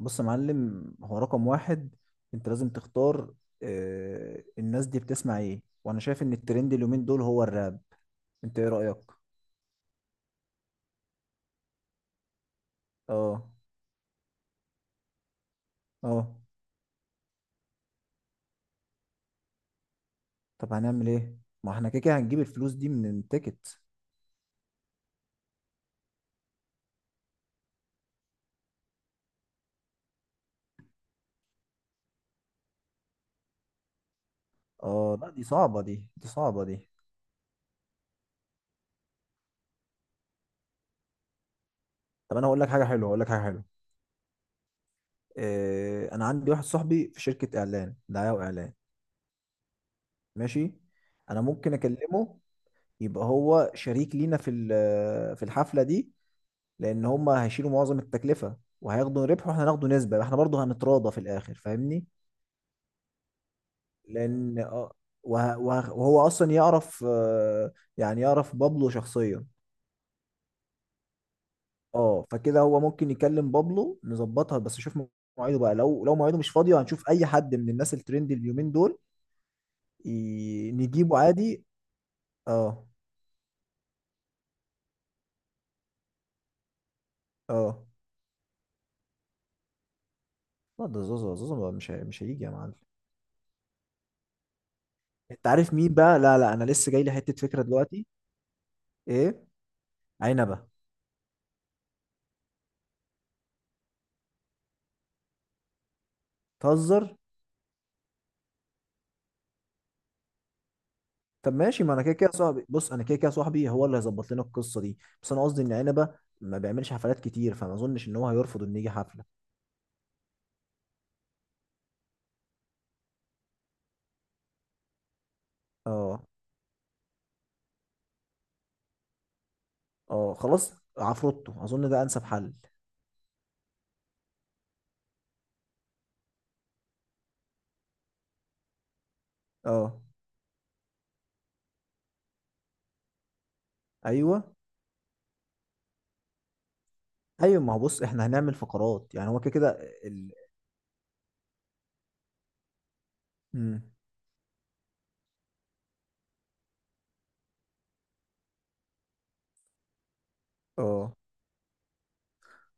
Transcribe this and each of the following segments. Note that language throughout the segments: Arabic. بص يا معلم هو رقم واحد. انت لازم تختار. الناس دي بتسمع ايه؟ وانا شايف ان الترند اليومين دول هو الراب. انت ايه رأيك؟ اه، اه. طب هنعمل ايه؟ ما احنا كده كده هنجيب الفلوس دي من التيكت. اه. لا، دي صعبة، دي، دي صعبة دي. طب انا هقول لك حاجة حلوة، هقول لك حاجة حلوة. انا عندي واحد صاحبي في شركة اعلان، دعاية واعلان. ماشي. انا ممكن اكلمه. يبقى هو شريك لينا في الحفلة دي، لان هم هيشيلوا معظم التكلفه وهياخدوا ربح، واحنا هناخدوا نسبه، احنا برضه هنتراضى في الاخر، فاهمني. لان وهو اصلا يعرف، يعني يعرف بابلو شخصيا. اه، فكده هو ممكن يكلم بابلو نظبطها. بس شوف مواعيده بقى، لو مواعيده مش فاضيه هنشوف اي حد من الناس الترند اليومين دول. نجيبه عادي. اه. اه لا، ده زوزو، زوزو بقى مش هيجي يا معلم. انت عارف مين بقى؟ لا، لا، انا لسه جاي لي حته فكره دلوقتي. ايه؟ عنبه. تهزر؟ طب ماشي، ما انا كده كده صاحبي، بص انا كده كده صاحبي هو اللي هيظبط لنا القصه دي. بس انا قصدي ان عنبه ما بيعملش حفلات كتير، فما اظنش ان هو هيرفض ان يجي حفله. اه، اه. خلاص، عفروتو اظن ده انسب حل. اه، ايوه، ايوه. ما هو بص، احنا هنعمل فقرات، يعني هو كده كده. ال... مم. اه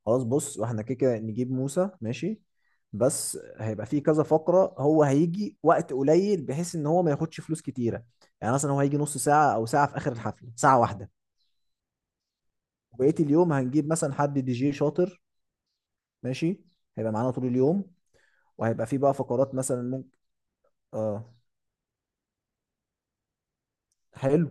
خلاص، بص واحنا كده كده نجيب موسى ماشي، بس هيبقى فيه كذا فقره، هو هيجي وقت قليل بحيث ان هو ما ياخدش فلوس كتيره. يعني مثلا هو هيجي نص ساعه او ساعه في اخر الحفله، ساعه واحده. وبقيه اليوم هنجيب مثلا حد دي جي شاطر. ماشي. هيبقى معانا طول اليوم. وهيبقى فيه بقى فقرات مثلا ممكن. اه. حلو.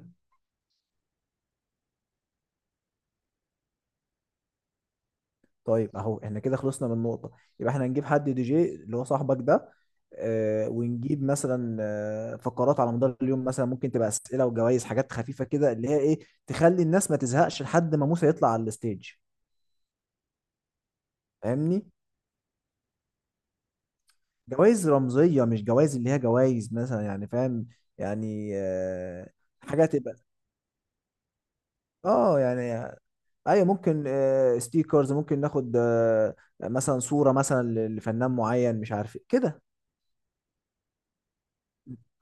طيب. اهو احنا كده خلصنا من نقطة. يبقى احنا هنجيب حد دي جي اللي هو صاحبك ده. ونجيب مثلا فقرات على مدار اليوم، مثلا ممكن تبقى اسئلة وجوائز، حاجات خفيفة كده اللي هي ايه، تخلي الناس ما تزهقش لحد ما موسى يطلع على الستيج. فاهمني. جوائز رمزية، مش جوائز اللي هي جوائز مثلا، يعني فاهم، يعني حاجة تبقى، اه يعني. ايوه، ممكن ستيكرز، ممكن ناخد مثلا صورة مثلا لفنان معين مش عارف إيه كده.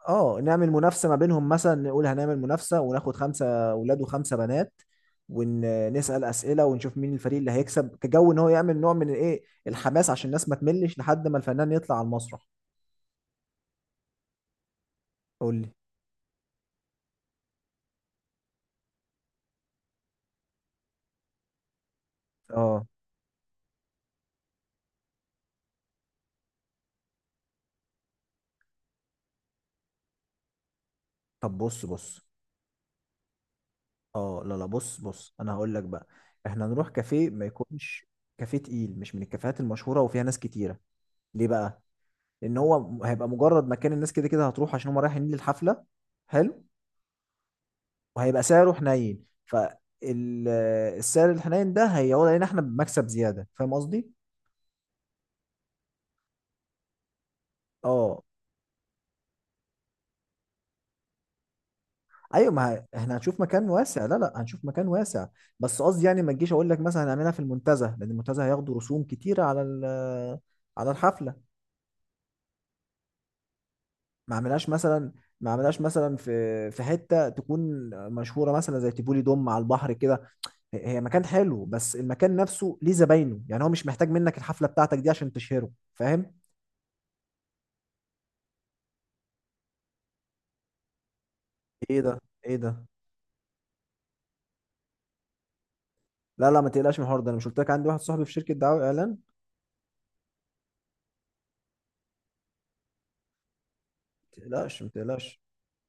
اه، نعمل منافسة ما بينهم مثلا، نقول هنعمل منافسة وناخد 5 اولاد وخمسة بنات، ونسأل أسئلة ونشوف مين الفريق اللي هيكسب، كجو ان هو يعمل نوع من الايه، الحماس عشان الناس ما تملش لحد ما الفنان يطلع على المسرح. قول لي. اه. طب بص، بص. اه لا، لا، بص، بص، انا هقول لك بقى. احنا نروح كافيه ما يكونش كافيه تقيل، مش من الكافيهات المشهورة وفيها ناس كتيرة. ليه بقى؟ لان هو هيبقى مجرد مكان، الناس كده كده هتروح عشان هم رايحين للحفله. حلو. وهيبقى سعره حنين، فالسعر الحنين ده هيعود علينا احنا بمكسب زياده، فاهم قصدي؟ اه. ايوه، ما احنا هنشوف مكان واسع، لا، لا، هنشوف مكان واسع. بس قصدي يعني ما تجيش اقول لك مثلا هنعملها في المنتزه، لان المنتزه هياخدوا رسوم كتيره على على الحفله. ما عملهاش مثلا، ما عملهاش مثلا في حته تكون مشهوره، مثلا زي تيبولي دوم على البحر كده. هي مكان حلو بس المكان نفسه ليه زباينه، يعني هو مش محتاج منك الحفله بتاعتك دي عشان تشهره، فاهم. ايه ده، ايه ده؟ لا، لا، ما تقلقش من الحوار ده، انا مش قلت لك عندي واحد صاحبي في شركه دعايه واعلان، ما تقلقش، ما تقلقش.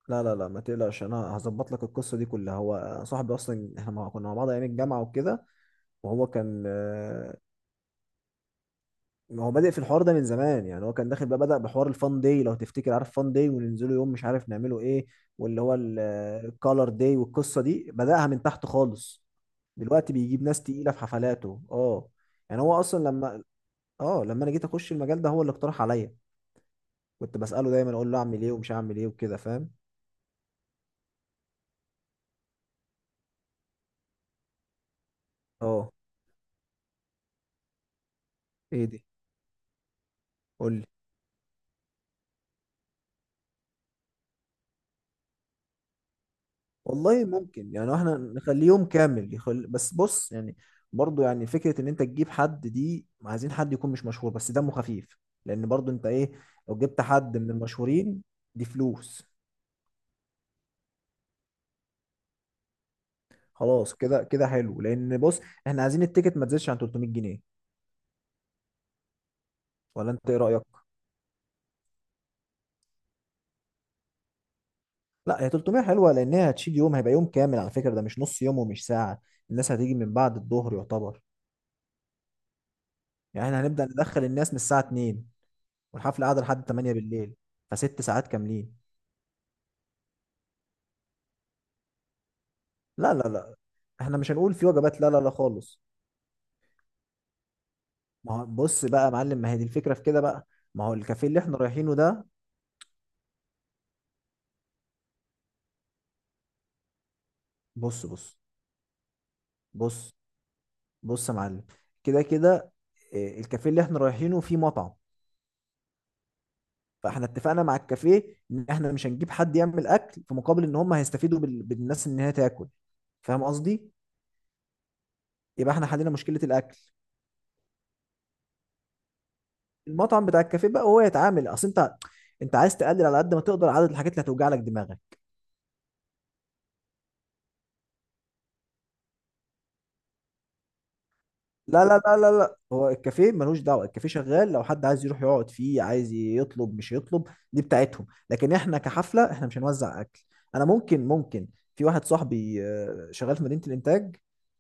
لا، لا، لا، ما تقلقش، انا هظبط لك القصه دي كلها، هو صاحبي اصلا، احنا كنا مع بعض ايام الجامعه وكده. وهو كان، ما هو بادئ في الحوار ده من زمان. يعني هو كان داخل بقى، بدأ بحوار الفان داي لو تفتكر، عارف فان داي، وننزله يوم مش عارف نعمله ايه. واللي هو الكالر داي، والقصة دي بدأها من تحت خالص. دلوقتي بيجيب ناس تقيلة في حفلاته. اه. يعني هو اصلا لما، اه لما انا جيت اخش المجال ده هو اللي اقترح عليا. كنت بسأله دايما، اقول له اعمل ايه ومش هعمل ايه وكده، فاهم. اه. ايه دي؟ قول لي. والله ممكن، يعني احنا نخليه يوم كامل بس بص يعني، برضو يعني فكرة ان انت تجيب حد دي، عايزين حد يكون مش مشهور بس دمه خفيف، لان برضو انت ايه، لو جبت حد من المشهورين دي فلوس. خلاص، كده كده حلو، لان بص، احنا عايزين التيكت ما تزيدش عن 300 جنيه، ولا انت ايه رأيك؟ لا، هي 300 حلوة لان هي هتشيل يوم، هيبقى يوم كامل على فكرة ده، مش نص يوم ومش ساعة. الناس هتيجي من بعد الظهر يعتبر. يعني احنا هنبدأ ندخل الناس من الساعة 2، والحفلة قاعدة لحد 8 بالليل، فست ساعات كاملين. لا، لا، لا، احنا مش هنقول في وجبات، لا، لا، لا خالص. ما هو بص بقى يا معلم، ما هي دي الفكرة في كده بقى. ما هو الكافيه اللي احنا رايحينه ده. بص، بص. بص. بص يا معلم. كده كده. اه، الكافيه اللي احنا رايحينه فيه مطعم، فاحنا اتفقنا مع الكافيه ان احنا مش هنجيب حد يعمل اكل، في مقابل ان هم هيستفيدوا بالناس ان هي تاكل، فاهم قصدي. يبقى احنا حلينا مشكلة الاكل. المطعم بتاع الكافيه بقى هو يتعامل. اصل انت، انت عايز تقلل على قد ما تقدر عدد الحاجات اللي هتوجع لك دماغك. لا، لا، لا، لا، لا، هو الكافيه ملوش دعوه، الكافيه شغال، لو حد عايز يروح يقعد فيه عايز يطلب مش يطلب، دي بتاعتهم، لكن احنا كحفله احنا مش هنوزع اكل. انا ممكن في واحد صاحبي شغال في مدينه الانتاج،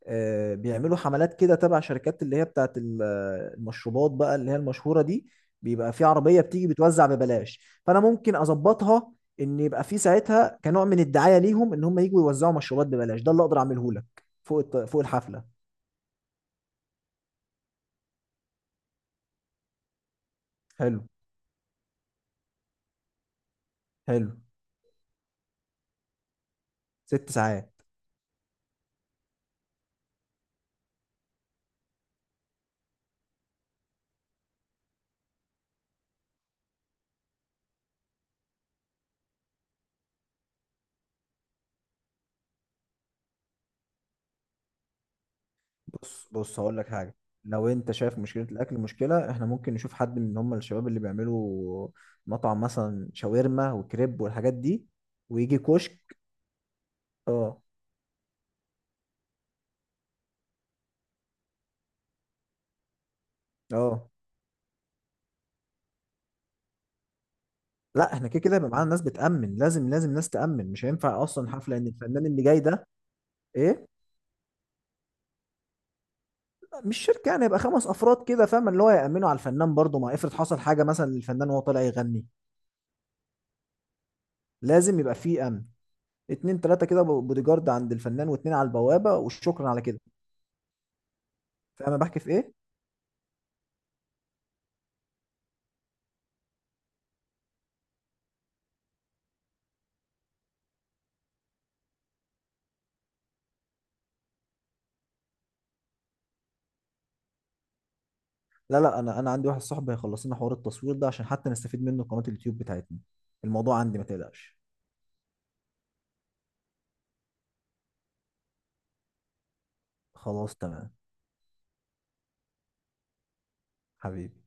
بيعملوا حملات كده تبع شركات اللي هي بتاعت المشروبات بقى اللي هي المشهوره دي. بيبقى في عربيه بتيجي بتوزع ببلاش، فانا ممكن اظبطها، ان يبقى في ساعتها كنوع من الدعايه ليهم ان هم يجوا يوزعوا مشروبات ببلاش، ده اللي اقدر اعمله لك فوق الحفله. حلو. حلو. 6 ساعات. بص، بص، هقول لك حاجه. لو انت شايف مشكله الاكل مشكله، احنا ممكن نشوف حد من هم الشباب اللي بيعملوا مطعم مثلا شاورما وكريب والحاجات دي، ويجي كشك. اه. اه لا، احنا كده كده يبقى معانا ناس بتأمن، لازم، لازم ناس تأمن، مش هينفع اصلا حفله ان الفنان اللي جاي ده. ايه. مش شركه، يعني يبقى 5 افراد كده، فاهم، اللي هو يأمنوا على الفنان، برضه ما افرض حصل حاجه مثلا للفنان وهو طالع يغني، لازم يبقى فيه امن. اتنين، تلاته كده بودي جارد عند الفنان، واتنين على البوابه، وشكرا على كده. فاهم أنا بحكي في ايه. لا، لا، انا عندي واحد صاحبي هيخلص لنا حوار التصوير ده عشان حتى نستفيد منه قناة اليوتيوب بتاعتنا. الموضوع عندي ما تقلقش. خلاص تمام. حبيبي.